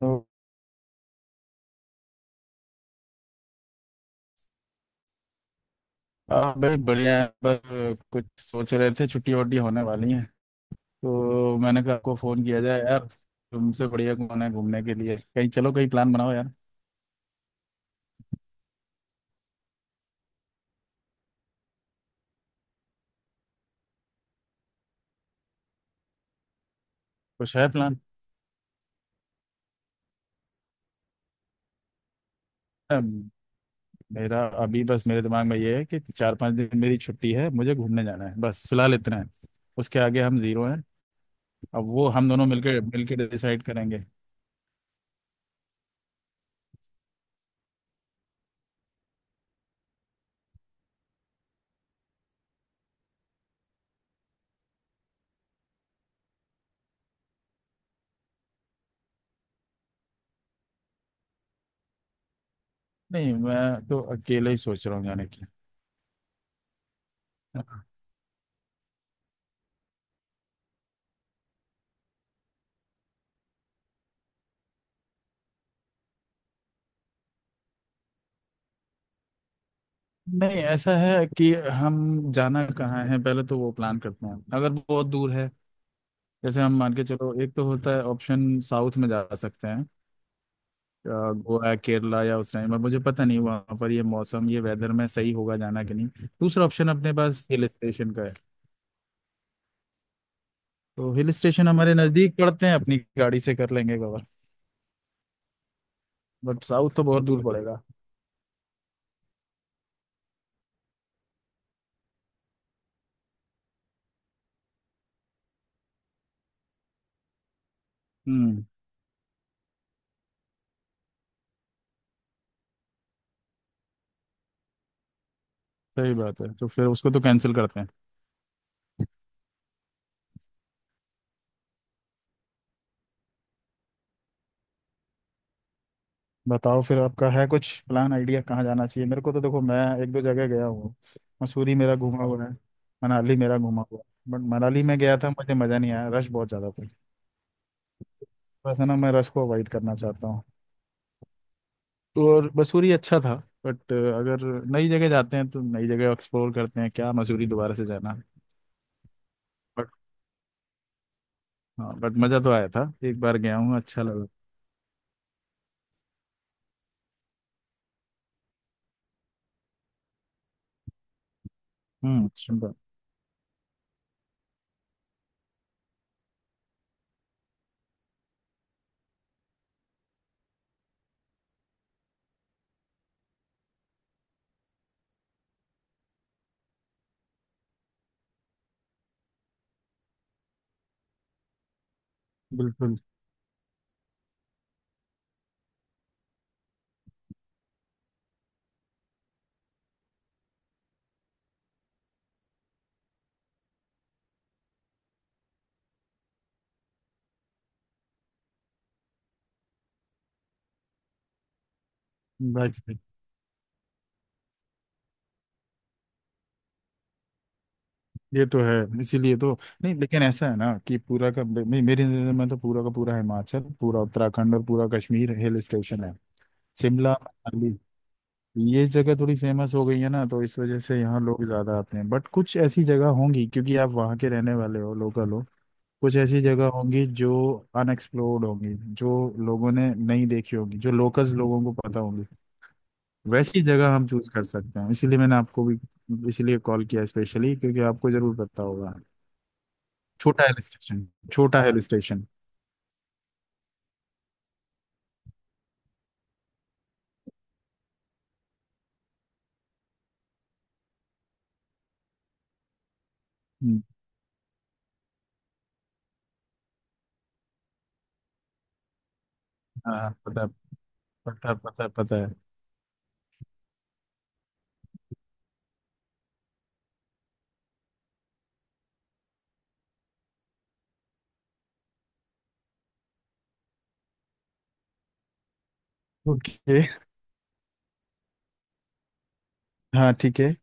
तो भाई बढ़िया है। पर कुछ सोच रहे थे छुट्टी वट्टी होने वाली है तो मैंने कहा आपको फोन किया जाए यार। तुमसे बढ़िया कौन है घूमने के लिए, कहीं चलो कहीं प्लान बनाओ यार। कुछ है प्लान। अम, मेरा अभी बस मेरे दिमाग में ये है कि 4 5 दिन मेरी छुट्टी है, मुझे घूमने जाना है, बस फिलहाल इतना है। उसके आगे हम जीरो हैं। अब वो हम दोनों मिलकर मिलकर डिसाइड करेंगे। नहीं, मैं तो अकेले ही सोच रहा हूँ जाने की। नहीं ऐसा है कि हम जाना कहाँ है पहले तो वो प्लान करते हैं अगर बहुत दूर है। जैसे हम मान के चलो, एक तो होता है ऑप्शन साउथ में जा सकते हैं। गोवा केरला, या उस टाइम पर मुझे पता नहीं वहाँ पर ये मौसम ये वेदर में सही होगा जाना कि नहीं। दूसरा ऑप्शन अपने पास हिल स्टेशन का है। तो हिल स्टेशन हमारे नज़दीक पड़ते हैं, अपनी गाड़ी से कर लेंगे कवर। बट साउथ तो बहुत दूर पड़ेगा। हम्म सही बात है, तो फिर उसको तो कैंसिल करते हैं। बताओ फिर आपका है कुछ प्लान आइडिया कहाँ जाना चाहिए। मेरे को तो देखो, मैं एक दो जगह गया हूँ। मसूरी मेरा घूमा हुआ है। मनाली मेरा घूमा हुआ है, बट मनाली में गया था मुझे मज़ा नहीं आया, रश बहुत ज़्यादा था। बस है ना, मैं रश को अवॉइड करना चाहता हूँ। तो और मसूरी अच्छा था। बट अगर नई जगह जाते हैं तो नई जगह एक्सप्लोर करते हैं, क्या मसूरी दोबारा से जाना। बट हाँ, बट मज़ा तो आया था, एक बार गया हूँ, अच्छा लगा। सुंदर। बिल्कुल। बाइक से। ये तो है इसीलिए तो। नहीं लेकिन ऐसा है ना कि पूरा का नहीं, मेरी नज़र में तो पूरा का पूरा हिमाचल, पूरा उत्तराखंड और पूरा कश्मीर हिल स्टेशन है। शिमला मनाली ये जगह थोड़ी फेमस हो गई है ना, तो इस वजह से यहाँ लोग ज्यादा आते हैं। बट कुछ ऐसी जगह होंगी, क्योंकि आप वहाँ के रहने वाले हो, लोकल हो, कुछ ऐसी जगह होंगी जो अनएक्सप्लोर्ड होंगी, जो लोगों ने नहीं देखी होगी, जो लोकल्स लोगों को पता होंगी। वैसी जगह हम चूज कर सकते हैं, इसीलिए मैंने आपको भी इसीलिए कॉल किया, स्पेशली क्योंकि आपको जरूर पता होगा। छोटा हिल स्टेशन। छोटा हिल स्टेशन। हम्म, हाँ पता पता पता पता है। ओके। हाँ ठीक है।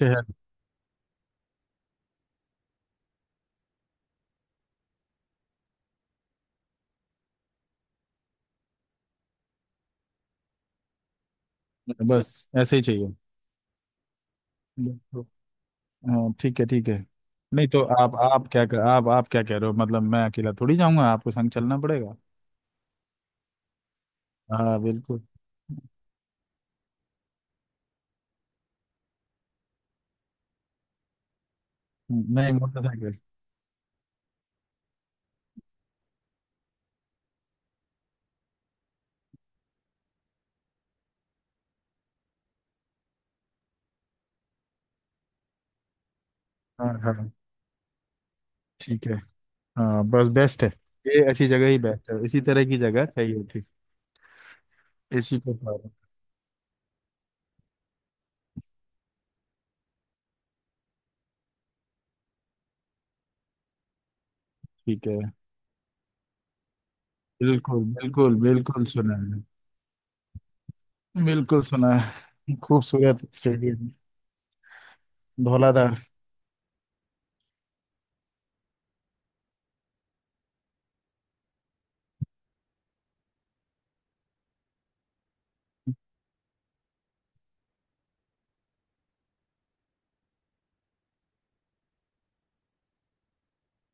शहर। बस ऐसे ही चाहिए। हाँ ठीक है ठीक है। नहीं तो आप क्या कह रहे हो। मतलब मैं अकेला थोड़ी जाऊंगा, आपको संग चलना पड़ेगा। हाँ बिल्कुल। नहीं मोटरसाइकिल। हाँ हाँ ठीक है। हाँ बस बेस्ट है, ये ऐसी जगह ही बेस्ट है, इसी तरह की जगह चाहिए थी। इसी को पा रहे। ठीक है। बिल्कुल बिल्कुल बिल्कुल सुना है। बिल्कुल सुना है, खूबसूरत स्टेडियम। धौलाधार।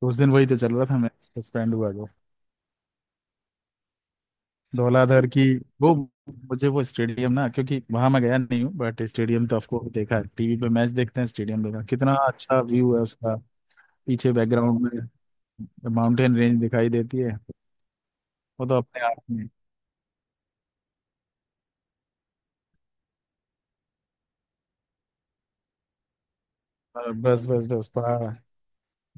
उस दिन वही तो चल रहा था, मैच सस्पेंड हुआ। धौलाधर की वो, मुझे वो स्टेडियम ना, क्योंकि वहां मैं गया नहीं हूँ, बट स्टेडियम तो आपको देखा है, टीवी पे मैच देखते हैं, स्टेडियम देखा कितना अच्छा व्यू है उसका। पीछे बैकग्राउंड में माउंटेन रेंज दिखाई देती है। वो तो अपने आप में। और बस बस बस पहाड़।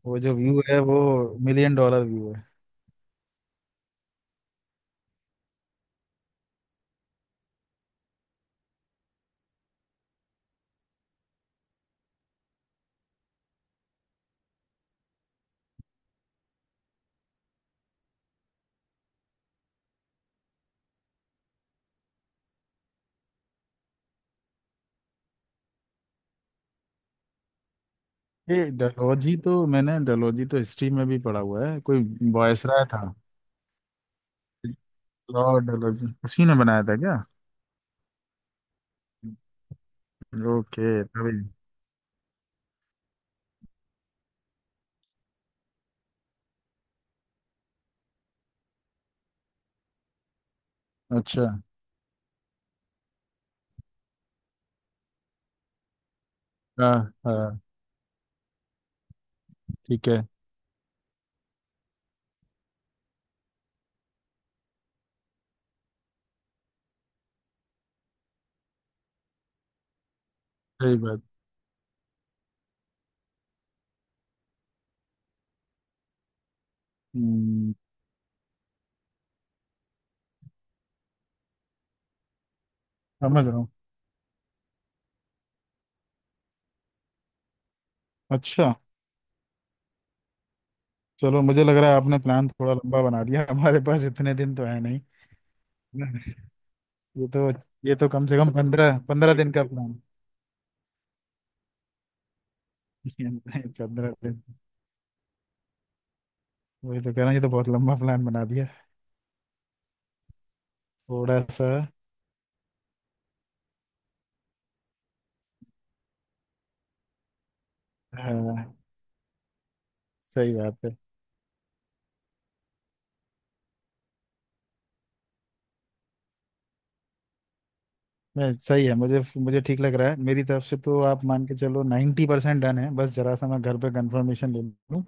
वो जो व्यू है वो मिलियन डॉलर व्यू है। ये डलहौजी, तो मैंने डलहौजी तो हिस्ट्री में भी पढ़ा हुआ है, कोई वायसराय था। लॉर्ड डलहौजी उसी ने बनाया था क्या। ओके तभी। अच्छा। हाँ हाँ ठीक है। सही बात। हम्म, समझ रहा हूँ। अच्छा चलो, मुझे लग रहा है आपने प्लान थोड़ा लंबा बना दिया। हमारे पास इतने दिन तो है नहीं। ये तो कम से कम 15 15 दिन का प्लान। 15 दिन। वही तो कह रहा हूँ, ये तो बहुत लंबा प्लान बना दिया। थोड़ा सा। हाँ सही बात है। मैं सही है, मुझे मुझे ठीक लग रहा है, मेरी तरफ से तो आप मान के चलो 90% डन है, बस जरा सा मैं घर पे कंफर्मेशन ले लूँ।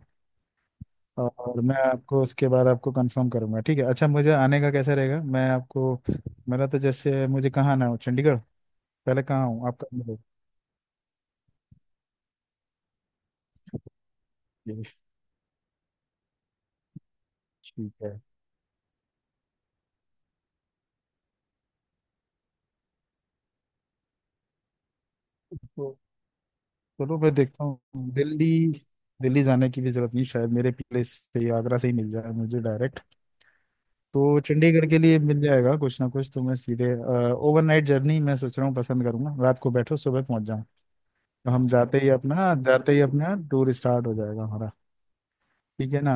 और मैं आपको उसके बाद आपको कंफर्म करूंगा, ठीक है। अच्छा मुझे आने का कैसा रहेगा, मैं आपको, मेरा तो जैसे मुझे कहाँ आना हो, चंडीगढ़। पहले कहाँ हूँ आपका नंबर। ये, ठीक है। तो चलो मैं देखता हूँ दिल्ली। दिल्ली जाने की भी जरूरत नहीं शायद, मेरे प्लेस से ही, आगरा से ही मिल जाए मुझे डायरेक्ट। तो चंडीगढ़ के लिए मिल जाएगा कुछ ना कुछ, तो मैं सीधे ओवरनाइट जर्नी मैं सोच रहा हूँ पसंद करूंगा, रात को बैठो सुबह पहुंच जाऊँ। तो हम जाते ही अपना टूर स्टार्ट हो जाएगा हमारा। ठीक है ना।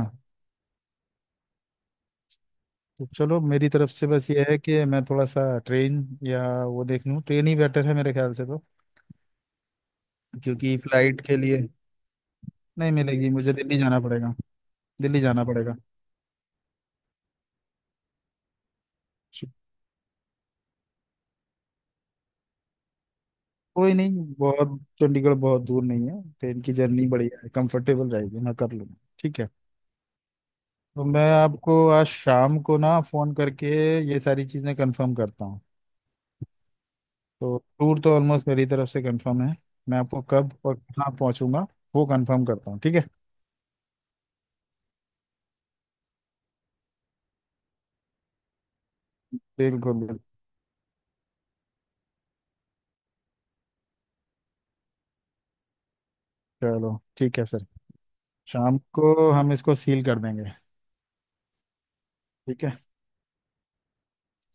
तो चलो मेरी तरफ से बस ये है कि मैं थोड़ा सा ट्रेन या वो देख लूँ, ट्रेन ही बेटर है मेरे ख्याल से। तो क्योंकि फ्लाइट के लिए नहीं मिलेगी, मुझे दिल्ली जाना पड़ेगा। दिल्ली जाना पड़ेगा। च- कोई नहीं, बहुत चंडीगढ़ बहुत दूर नहीं है, ट्रेन की जर्नी बढ़िया है, कंफर्टेबल रहेगी, मैं कर लूँगा, ठीक है। तो मैं आपको आज शाम को ना फ़ोन करके ये सारी चीज़ें कंफर्म करता हूँ। तो टूर तो ऑलमोस्ट मेरी तरफ से कंफर्म है, मैं आपको कब और कहाँ पहुँचूंगा वो कंफर्म करता हूँ, ठीक है। बिल्कुल बिल्कुल। चलो ठीक है सर। शाम को हम इसको सील कर देंगे। ठीक है।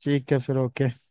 ठीक है फिर ओके।